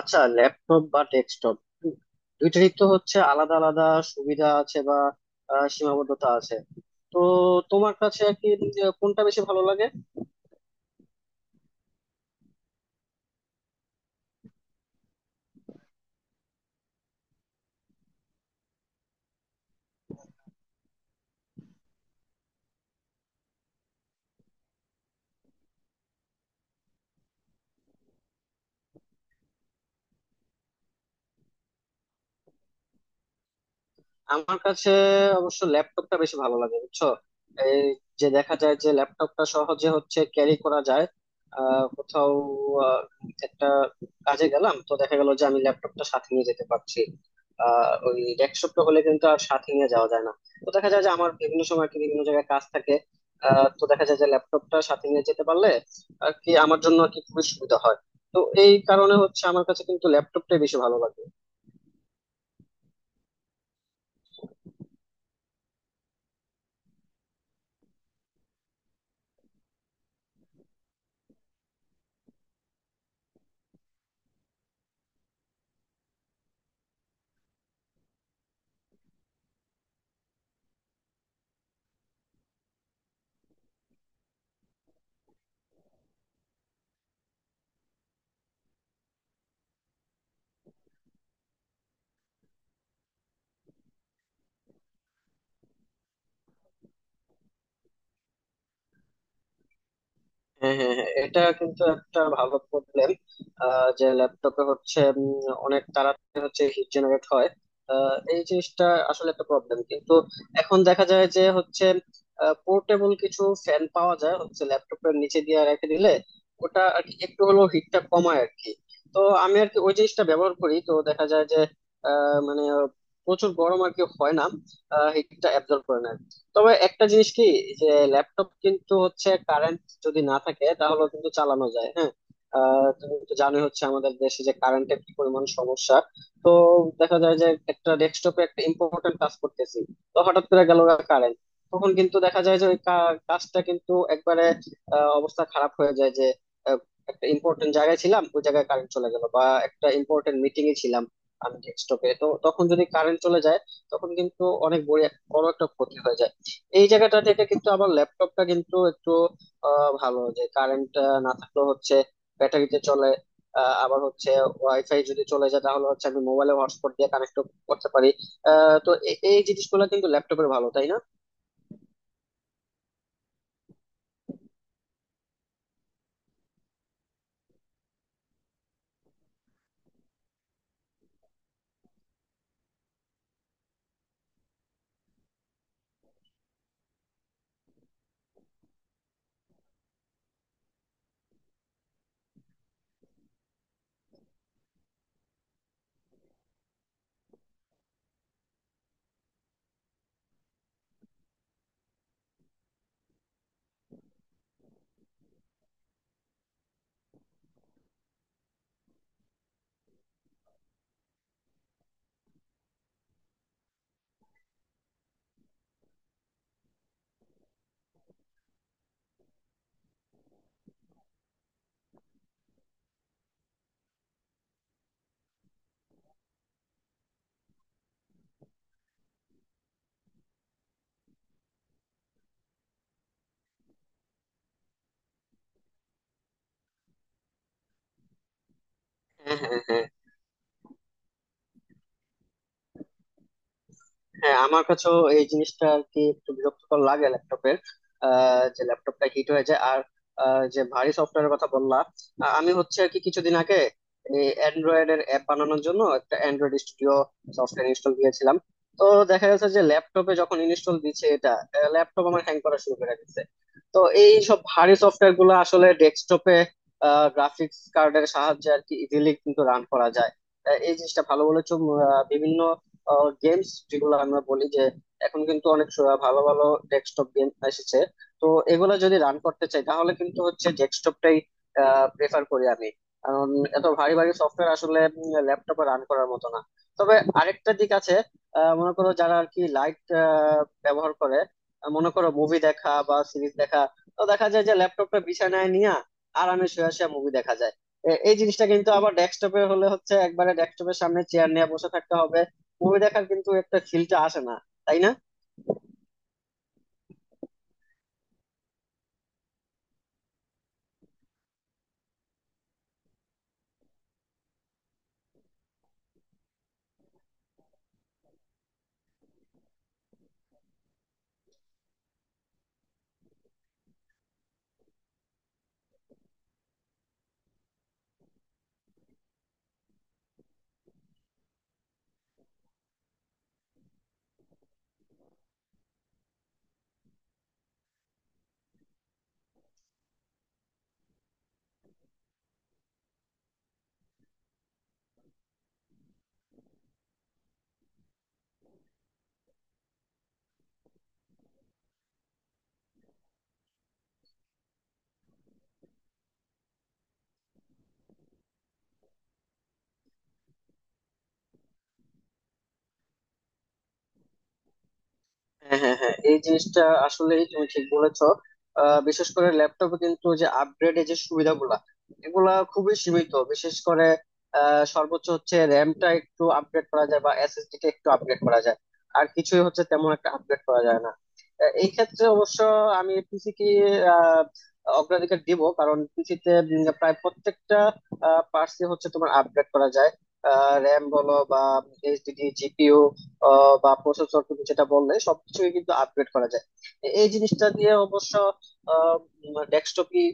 আচ্ছা, ল্যাপটপ বা ডেস্কটপ দুইটারই তো হচ্ছে আলাদা আলাদা সুবিধা আছে বা সীমাবদ্ধতা আছে। তো তোমার কাছে আর কি কোনটা বেশি ভালো লাগে? আমার কাছে অবশ্য ল্যাপটপটা বেশি ভালো লাগে, বুঝছো? এই যে দেখা যায় যে ল্যাপটপটা সহজে হচ্ছে ক্যারি করা যায়। কোথাও আহ, একটা কাজে গেলাম, তো দেখা গেল যে আমি ল্যাপটপটা সাথে নিয়ে যেতে পারছি। ওই ডেস্কটপটা হলে কিন্তু আর সাথে নিয়ে যাওয়া যায় না। তো দেখা যায় যে আমার বিভিন্ন সময় আর কি বিভিন্ন জায়গায় কাজ থাকে। তো দেখা যায় যে ল্যাপটপটা সাথে নিয়ে যেতে পারলে আর কি আমার জন্য আর কি খুবই সুবিধা হয়। তো এই কারণে হচ্ছে আমার কাছে কিন্তু ল্যাপটপটাই বেশি ভালো লাগে। হ্যাঁ, হ্যাঁ, হ্যাঁ, এটা কিন্তু একটা ভালো প্রবলেম। যে ল্যাপটপে হচ্ছে অনেক তাড়াতাড়ি হচ্ছে হিট জেনারেট হয়। এই জিনিসটা আসলে একটা প্রবলেম, কিন্তু এখন দেখা যায় যে হচ্ছে পোর্টেবল কিছু ফ্যান পাওয়া যায়, হচ্ছে ল্যাপটপের নিচে দিয়ে রেখে দিলে ওটা আর কি একটু হলেও হিটটা কমায় আর কি। তো আমি আর কি ওই জিনিসটা ব্যবহার করি, তো দেখা যায় যে মানে প্রচুর গরম আর কি হয় না, হিটটা অ্যাবজর্ব করে না। তবে একটা জিনিস কি, যে ল্যাপটপ কিন্তু হচ্ছে যদি না থাকে তাহলে কিন্তু চালানো যায়। হ্যাঁ। তুমি তো জানোই হচ্ছে আমাদের দেশে যে কারেন্টের কি পরিমাণ সমস্যা। তো দেখা যায় যে একটা ডেস্কটপে একটা ইম্পর্টেন্ট কাজ করতেছি, তো হঠাৎ করে গেল কারেন্ট। তখন কিন্তু দেখা যায় যে ওই কাজটা কিন্তু একবারে অবস্থা খারাপ হয়ে যায়। যে আহ, একটা ইম্পর্টেন্ট জায়গায় ছিলাম, ওই জায়গায় কারেন্ট চলে গেল, বা একটা ইম্পর্টেন্ট মিটিং এ ছিলাম আমি ডেস্কটপে, তো তখন যদি কারেন্ট চলে যায় তখন কিন্তু অনেক বড় বড় একটা ক্ষতি হয়ে যায়। এই জায়গাটা থেকে কিন্তু আবার ল্যাপটপটা কিন্তু একটু ভালো, যে কারেন্ট না থাকলেও হচ্ছে ব্যাটারিতে চলে। আবার হচ্ছে ওয়াইফাই যদি চলে যায় তাহলে হচ্ছে আমি মোবাইলে হটস্পট দিয়ে কানেক্ট করতে পারি। তো এই জিনিসগুলো কিন্তু ল্যাপটপের ভালো, তাই না? হ্যাঁ, হ্যাঁ, হ্যাঁ। হ্যাঁ আমার কাছেও এই জিনিসটা আর কি একটু বিরক্তিকর লাগে ল্যাপটপের, যে ল্যাপটপটা হিট হয়ে যায়। আর যে ভারী সফটওয়্যারের কথা বললাম, আমি হচ্ছে আর কি কিছুদিন আগে অ্যান্ড্রয়েড এর অ্যাপ বানানোর জন্য একটা অ্যান্ড্রয়েড স্টুডিও সফটওয়্যার ইনস্টল দিয়েছিলাম। তো দেখা যাচ্ছে যে ল্যাপটপে যখন ইনস্টল দিচ্ছে এটা, ল্যাপটপ আমার হ্যাং করা শুরু করে দিচ্ছে। তো এই সব ভারী সফটওয়্যার গুলো আসলে ডেস্কটপে গ্রাফিক্স কার্ডের সাহায্যে আর কি ইজিলি কিন্তু রান করা যায়। এই জিনিসটা ভালো বলেছো। বিভিন্ন গেমস যেগুলো আমরা বলি যে এখন কিন্তু অনেক ভালো ভালো ডেস্কটপ গেম এসেছে। তো এগুলো যদি রান করতে চাই তাহলে কিন্তু হচ্ছে ডেস্কটপটাই প্রেফার করি আমি, কারণ এত ভারী ভারী সফটওয়্যার আসলে ল্যাপটপে রান করার মতো না। তবে আরেকটা দিক আছে। মনে করো যারা আর কি লাইট ব্যবহার করে, মনে করো মুভি দেখা বা সিরিজ দেখা। তো দেখা যায় যে ল্যাপটপটা বিছানায় নিয়ে আরামে শুয়ে শুয়ে মুভি দেখা যায়। এই জিনিসটা কিন্তু আবার ডেস্কটপে হলে হচ্ছে একবারে ডেস্কটপের সামনে চেয়ার নিয়ে বসে থাকতে হবে, মুভি দেখার কিন্তু একটা ফিলটা আসে না, তাই না? হ্যাঁ, হ্যাঁ, হ্যাঁ, এই জিনিসটা আসলেই তুমি ঠিক বলেছো। বিশেষ করে ল্যাপটপে কিন্তু যে আপগ্রেডের যে সুবিধাগুলা, এগুলা খুবই সীমিত। বিশেষ করে সর্বোচ্চ হচ্ছে র্যামটা একটু আপগ্রেড করা যায় বা এসএসডি টা একটু আপগ্রেড করা যায়, আর কিছুই হচ্ছে তেমন একটা আপগ্রেড করা যায় না। এই ক্ষেত্রে অবশ্য আমি পিসি কি আহ, অগ্রাধিকার দিব, কারণ পিসিতে প্রায় প্রত্যেকটা পার্টসই হচ্ছে তোমার আপগ্রেড করা যায়। র্যাম বলো বা এইচডিডি, জিপিইউ, বা প্রসেসর তুমি যেটা বললে সবকিছুই কিন্তু আপগ্রেড করা যায়। এই জিনিসটা দিয়ে অবশ্য ডেস্কটপই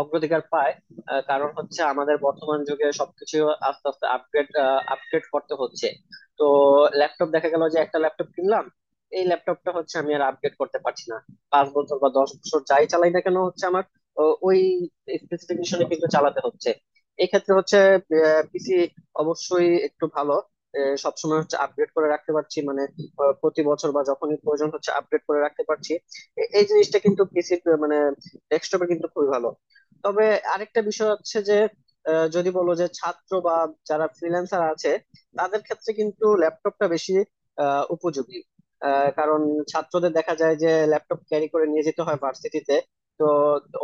অগ্রাধিকার পায়। কারণ হচ্ছে আমাদের বর্তমান যুগে সবকিছু আস্তে আস্তে আপগ্রেড আপগ্রেড করতে হচ্ছে। তো ল্যাপটপ দেখা গেল যে একটা ল্যাপটপ কিনলাম, এই ল্যাপটপটা হচ্ছে আমি আর আপগ্রেড করতে পারছি না। 5 বছর বা 10 বছর যাই চালাই না কেন হচ্ছে আমার ওই স্পেসিফিকেশনে কিন্তু চালাতে হচ্ছে। এক্ষেত্রে হচ্ছে পিসি অবশ্যই একটু ভালো। সবসময় হচ্ছে আপডেট করে রাখতে পারছি মানে প্রতি বছর বা যখনই প্রয়োজন হচ্ছে আপডেট করে রাখতে পারছি। এই জিনিসটা কিন্তু পিসির মানে ডেস্কটপে কিন্তু খুবই ভালো। তবে আরেকটা বিষয় হচ্ছে যে যদি বলো যে ছাত্র বা যারা ফ্রিল্যান্সার আছে, তাদের ক্ষেত্রে কিন্তু ল্যাপটপটা বেশি উপযোগী। কারণ ছাত্রদের দেখা যায় যে ল্যাপটপ ক্যারি করে নিয়ে যেতে হয় ভার্সিটিতে,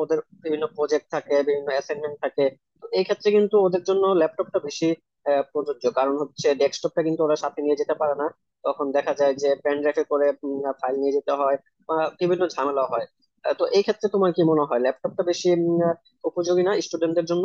ওদের বিভিন্ন প্রজেক্ট থাকে বিভিন্ন অ্যাসাইনমেন্ট থাকে। তো এই ক্ষেত্রে কিন্তু ওদের জন্য ল্যাপটপটা বেশি প্রযোজ্য, কারণ হচ্ছে ডেস্কটপটা কিন্তু ওরা সাথে নিয়ে যেতে পারে না। তখন দেখা যায় যে পেন ড্রাইভে করে ফাইল নিয়ে যেতে হয়, বা বিভিন্ন ঝামেলা হয়। তো এই ক্ষেত্রে তোমার কি মনে হয়, ল্যাপটপটা বেশি উপযোগী না স্টুডেন্টদের জন্য?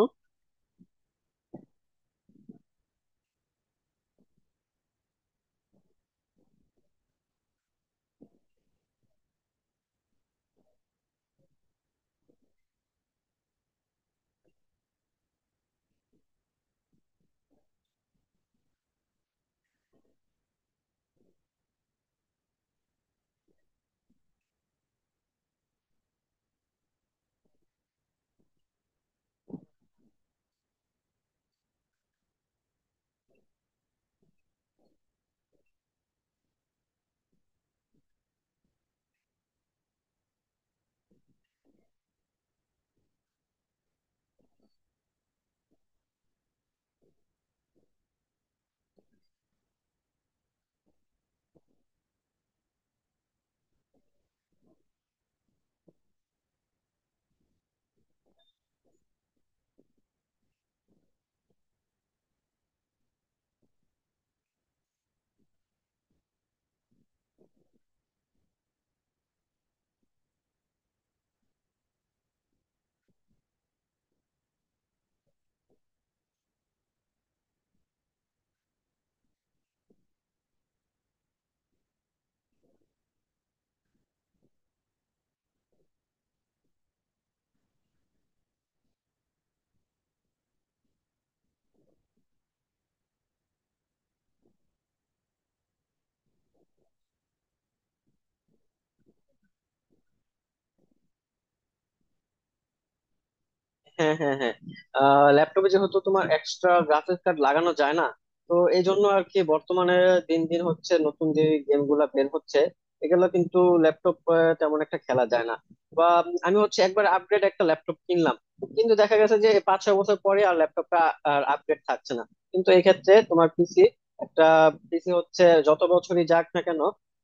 হ্যাঁ, হ্যাঁ, হ্যাঁ। ল্যাপটপে যেহেতু তোমার এক্সট্রা গ্রাফিক্স কার্ড লাগানো যায় না, তো এই জন্য আর কি বর্তমানে দিন দিন হচ্ছে নতুন যে গেম গুলা বের হচ্ছে, এগুলো কিন্তু ল্যাপটপ তেমন একটা খেলা যায় না। বা আমি হচ্ছে একবার আপগ্রেড একটা ল্যাপটপ কিনলাম, কিন্তু দেখা গেছে যে 5-6 বছর পরে আর ল্যাপটপটা আর আপগ্রেড থাকছে না। কিন্তু এই ক্ষেত্রে তোমার পিসি, একটা পিসি হচ্ছে যত বছরই যাক না কেন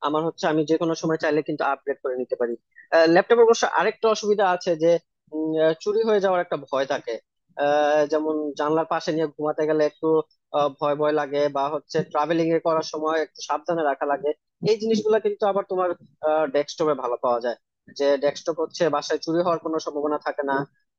আমার হচ্ছে, আমি যে কোনো সময় চাইলে কিন্তু আপগ্রেড করে নিতে পারি। ল্যাপটপের অবশ্য আরেকটা অসুবিধা আছে যে চুরি হয়ে যাওয়ার একটা ভয় থাকে। যেমন জানলার পাশে নিয়ে ঘুমাতে গেলে একটু ভয় ভয় লাগে, বা হচ্ছে ট্রাভেলিং এ করার সময় একটু সাবধানে রাখা লাগে। এই জিনিসগুলো কিন্তু আবার তোমার ডেস্কটপে ভালো পাওয়া যায়, যে ডেস্কটপ হচ্ছে বাসায় চুরি হওয়ার কোনো সম্ভাবনা থাকে না।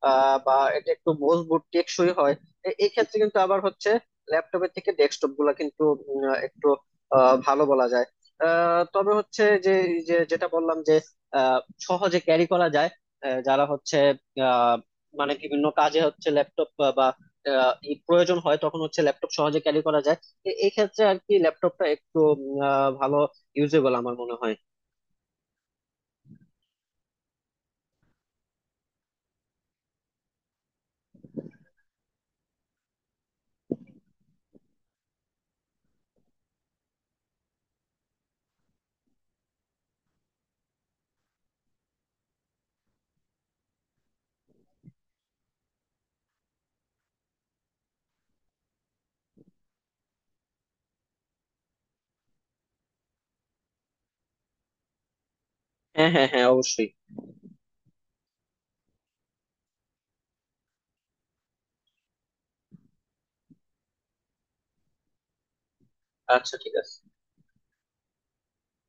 বা এটা একটু মজবুত টেকসই হয়। এই ক্ষেত্রে কিন্তু আবার হচ্ছে ল্যাপটপের থেকে ডেস্কটপ গুলা কিন্তু একটু ভালো বলা যায়। তবে হচ্ছে যে যে- যেটা বললাম যে আহ, সহজে ক্যারি করা যায়। যারা হচ্ছে আহ মানে বিভিন্ন কাজে হচ্ছে ল্যাপটপ বা ই প্রয়োজন হয়, তখন হচ্ছে ল্যাপটপ সহজে ক্যারি করা যায়। এই ক্ষেত্রে আর কি ল্যাপটপটা একটু ভালো, ইউজেবল আমার মনে হয়। হ্যাঁ, হ্যাঁ, হ্যাঁ, অবশ্যই। আচ্ছা, ঠিক আছে।